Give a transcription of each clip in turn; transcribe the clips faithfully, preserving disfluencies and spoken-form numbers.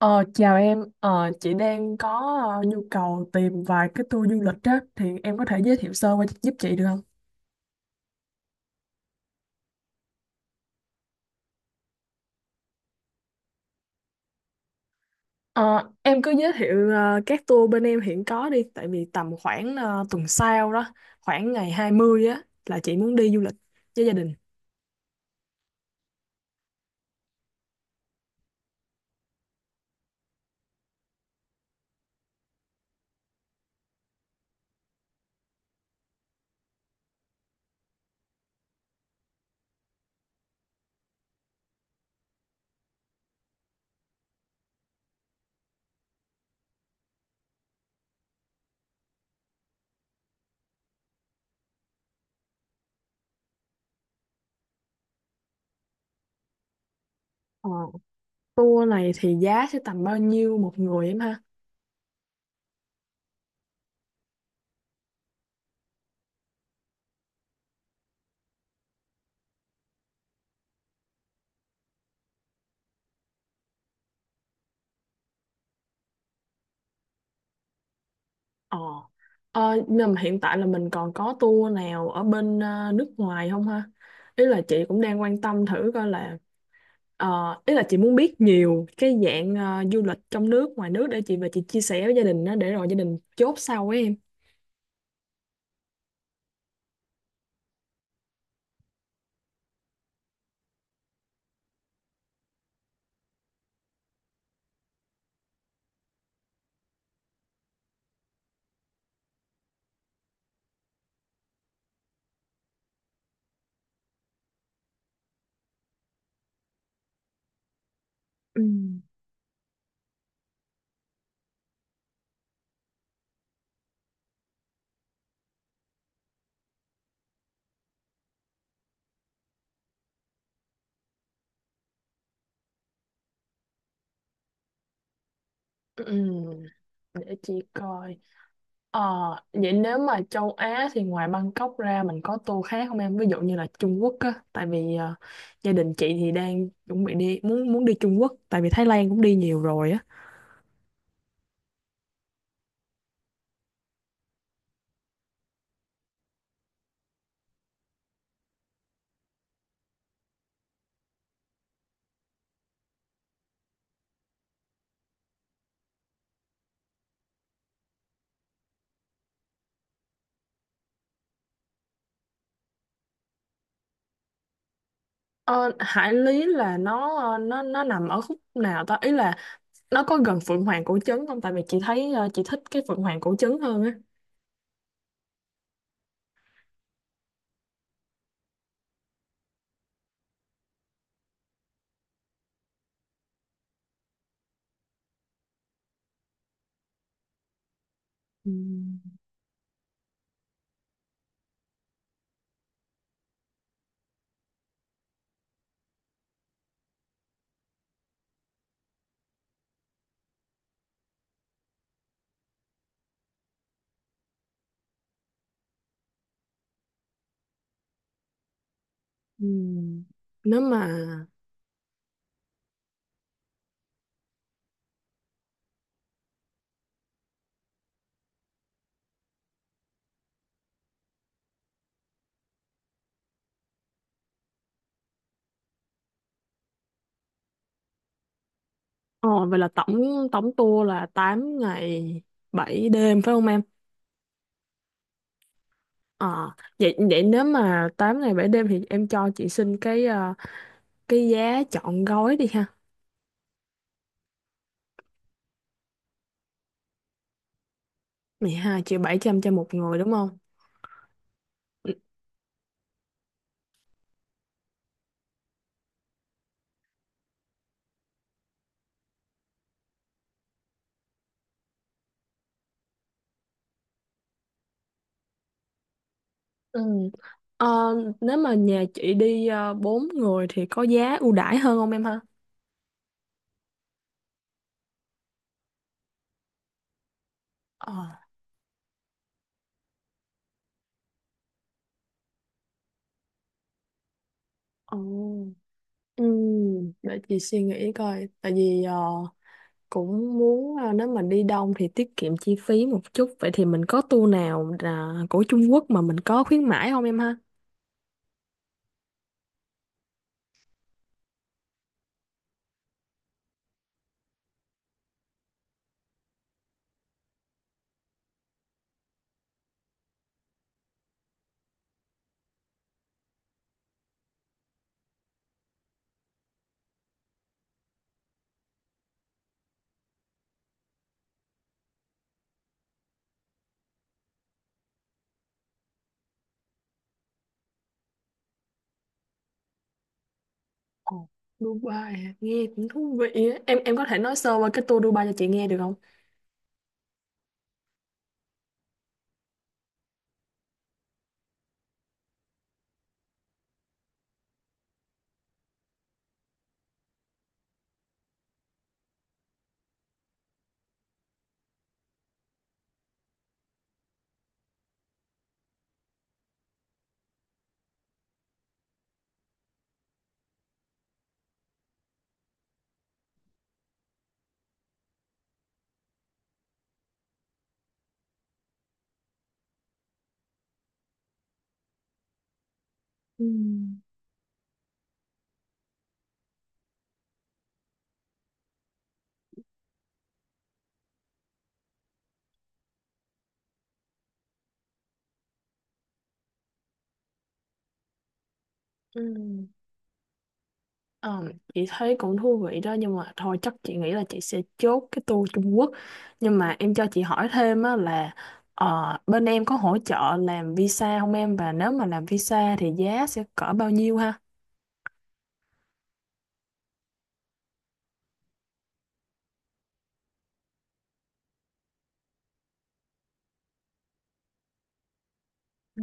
Ờ, Chào em, ờ, chị đang có ờ, nhu cầu tìm vài cái tour du lịch á, thì em có thể giới thiệu sơ qua giúp chị được không? Ờ, em cứ giới thiệu ờ, các tour bên em hiện có đi, tại vì tầm khoảng ờ, tuần sau đó, khoảng ngày hai mươi á, là chị muốn đi du lịch với gia đình. Ờ, Tour này thì giá sẽ tầm bao nhiêu một người em ha? Ờ, ờ, nhưng mà hiện tại là mình còn có tour nào ở bên ờ, nước ngoài không ha? Ý là chị cũng đang quan tâm thử coi là. Ờ, Ý là chị muốn biết nhiều cái dạng ờ, du lịch trong nước, ngoài nước để chị và chị chia sẻ với gia đình đó để rồi gia đình chốt sau ấy em. Ừ. ừm, Để chị coi. Ờ, Vậy nếu mà châu Á thì ngoài Bangkok ra mình có tour khác không em? Ví dụ như là Trung Quốc á, tại vì ờ, gia đình chị thì đang chuẩn bị đi muốn muốn đi Trung Quốc, tại vì Thái Lan cũng đi nhiều rồi á. Ờ, Hải Lý là nó ờ, nó nó nằm ở khúc nào ta? Ý là nó có gần Phượng Hoàng cổ trấn không tại vì chị thấy ờ, chị thích cái Phượng Hoàng cổ trấn hơn á. Ừ. Ừ. Nếu mà ờ vậy là tổng tổng tour là tám ngày bảy đêm phải không em? Ờ vậy vậy nếu mà tám ngày bảy đêm thì em cho chị xin cái ờ, cái giá trọn gói đi ha. mười hai triệu bảy trăm cho một người đúng không? Ừ. Ừ. Ờ, Nếu mà nhà chị đi uh, bốn người thì có giá ưu đãi hơn không em ha? ờ Ồ. Ừm, để chị suy nghĩ coi tại vì ờ, cũng muốn ờ, nếu mà đi đông thì tiết kiệm chi phí một chút vậy thì mình có tour nào là của Trung Quốc mà mình có khuyến mãi không em ha? Ồ, Dubai à? Nghe cũng thú vị á. Em em có thể nói sơ qua cái tour Dubai cho chị nghe được không? Ừm. Ừ. Ờ, chị thấy cũng thú vị đó nhưng mà thôi chắc chị nghĩ là chị sẽ chốt cái tour Trung Quốc nhưng mà em cho chị hỏi thêm á là ờ, bên em có hỗ trợ làm visa không em và nếu mà làm visa thì giá sẽ cỡ bao nhiêu ha? Ừ.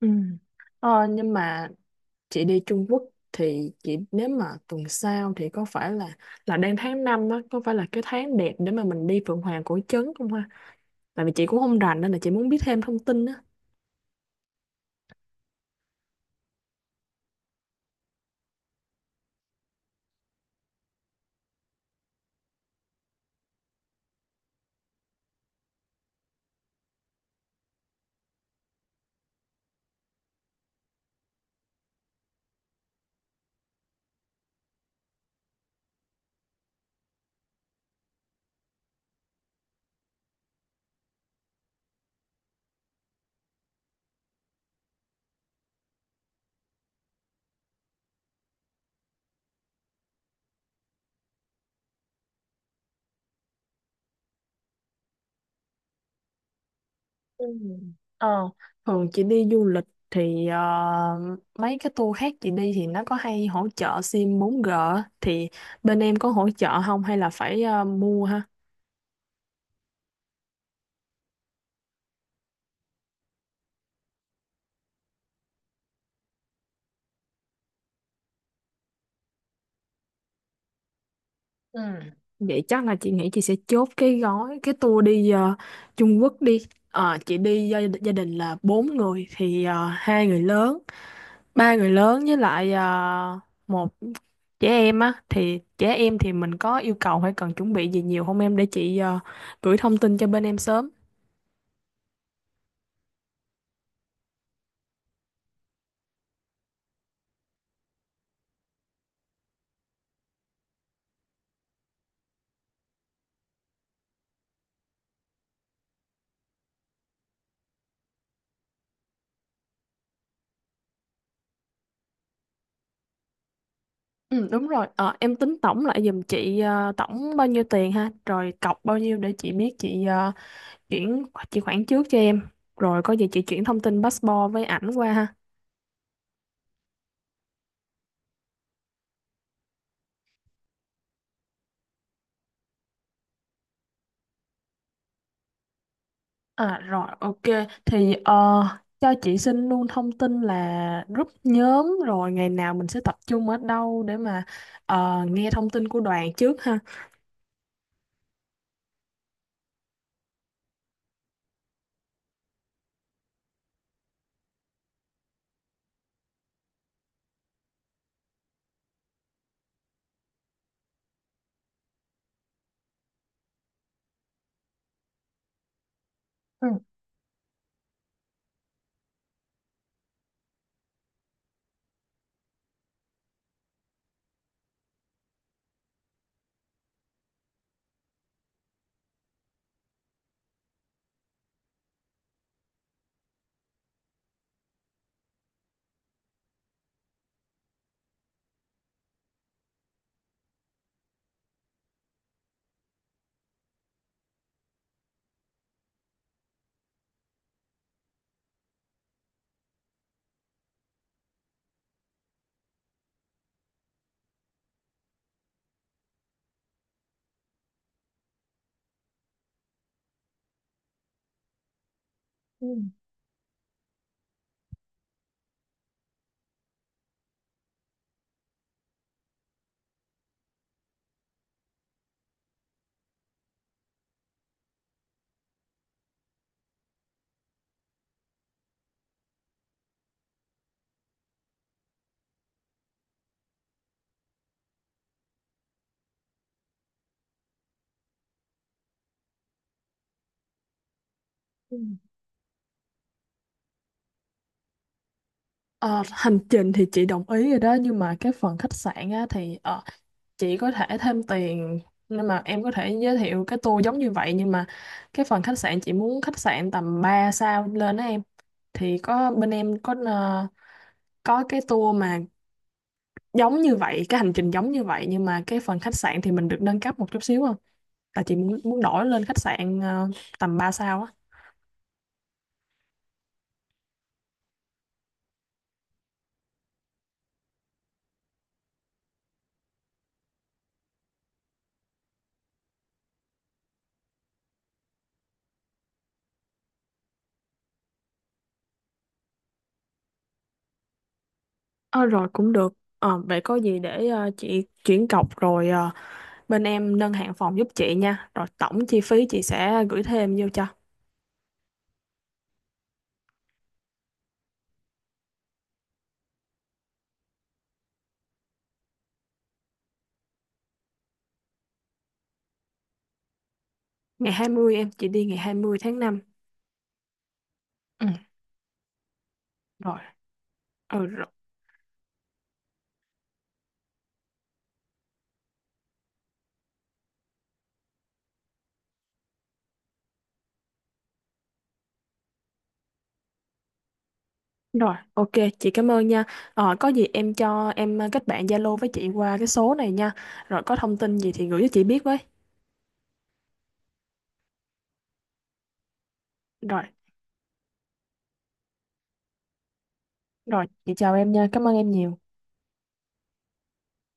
Ừ. Ờ, nhưng mà chị đi Trung Quốc thì chị nếu mà tuần sau thì có phải là là đang tháng năm á có phải là cái tháng đẹp để mà mình đi Phượng Hoàng Cổ Trấn không ha? Tại vì chị cũng không rành nên là chị muốn biết thêm thông tin á. Ừ. Ờ, Thường chị đi du lịch thì ờ, mấy cái tour khác chị đi thì nó có hay hỗ trợ sim bốn g á. Thì bên em có hỗ trợ không hay là phải ờ, mua ha? Ừ. Vậy chắc là chị nghĩ chị sẽ chốt cái gói cái tour đi ờ, Trung Quốc đi. Ờ, chị đi gia, gia đình là bốn người thì ờ, hai người lớn, ba người lớn với lại ờ, một trẻ em á thì trẻ em thì mình có yêu cầu hay cần chuẩn bị gì nhiều không em để chị ờ, gửi thông tin cho bên em sớm. Ừ đúng rồi. Ờ, em tính tổng lại giùm chị ờ, tổng bao nhiêu tiền ha, rồi cọc bao nhiêu để chị biết chị ờ, chuyển chị khoản trước cho em rồi có gì chị chuyển thông tin passport với ảnh qua ha. À rồi ok thì ờ, cho chị xin luôn thông tin là group nhóm rồi ngày nào mình sẽ tập trung ở đâu để mà ờ, nghe thông tin của đoàn trước ha. Ừ, ừ, ừ. Ờ, Hành trình thì chị đồng ý rồi đó nhưng mà cái phần khách sạn á, thì ờ, chị có thể thêm tiền nên mà em có thể giới thiệu cái tour giống như vậy nhưng mà cái phần khách sạn chị muốn khách sạn tầm ba sao lên á em thì có bên em có ờ, có cái tour mà giống như vậy cái hành trình giống như vậy nhưng mà cái phần khách sạn thì mình được nâng cấp một chút xíu không là chị muốn muốn đổi lên khách sạn ờ, tầm ba sao á. Ờ Rồi cũng được. Ờ vậy có gì để ờ, chị chuyển cọc rồi ờ, bên em nâng hạng phòng giúp chị nha. Rồi tổng chi phí chị sẽ gửi thêm vô cho. Ngày hai mươi em, chị đi ngày hai mươi tháng năm. Ừ, rồi. Ừ rồi. Rồi, ok, chị cảm ơn nha. Ờ, có gì em cho em ờ, kết bạn Zalo với chị qua cái số này nha. Rồi có thông tin gì thì gửi cho chị biết với. Rồi, rồi, chị chào em nha. Cảm ơn em nhiều.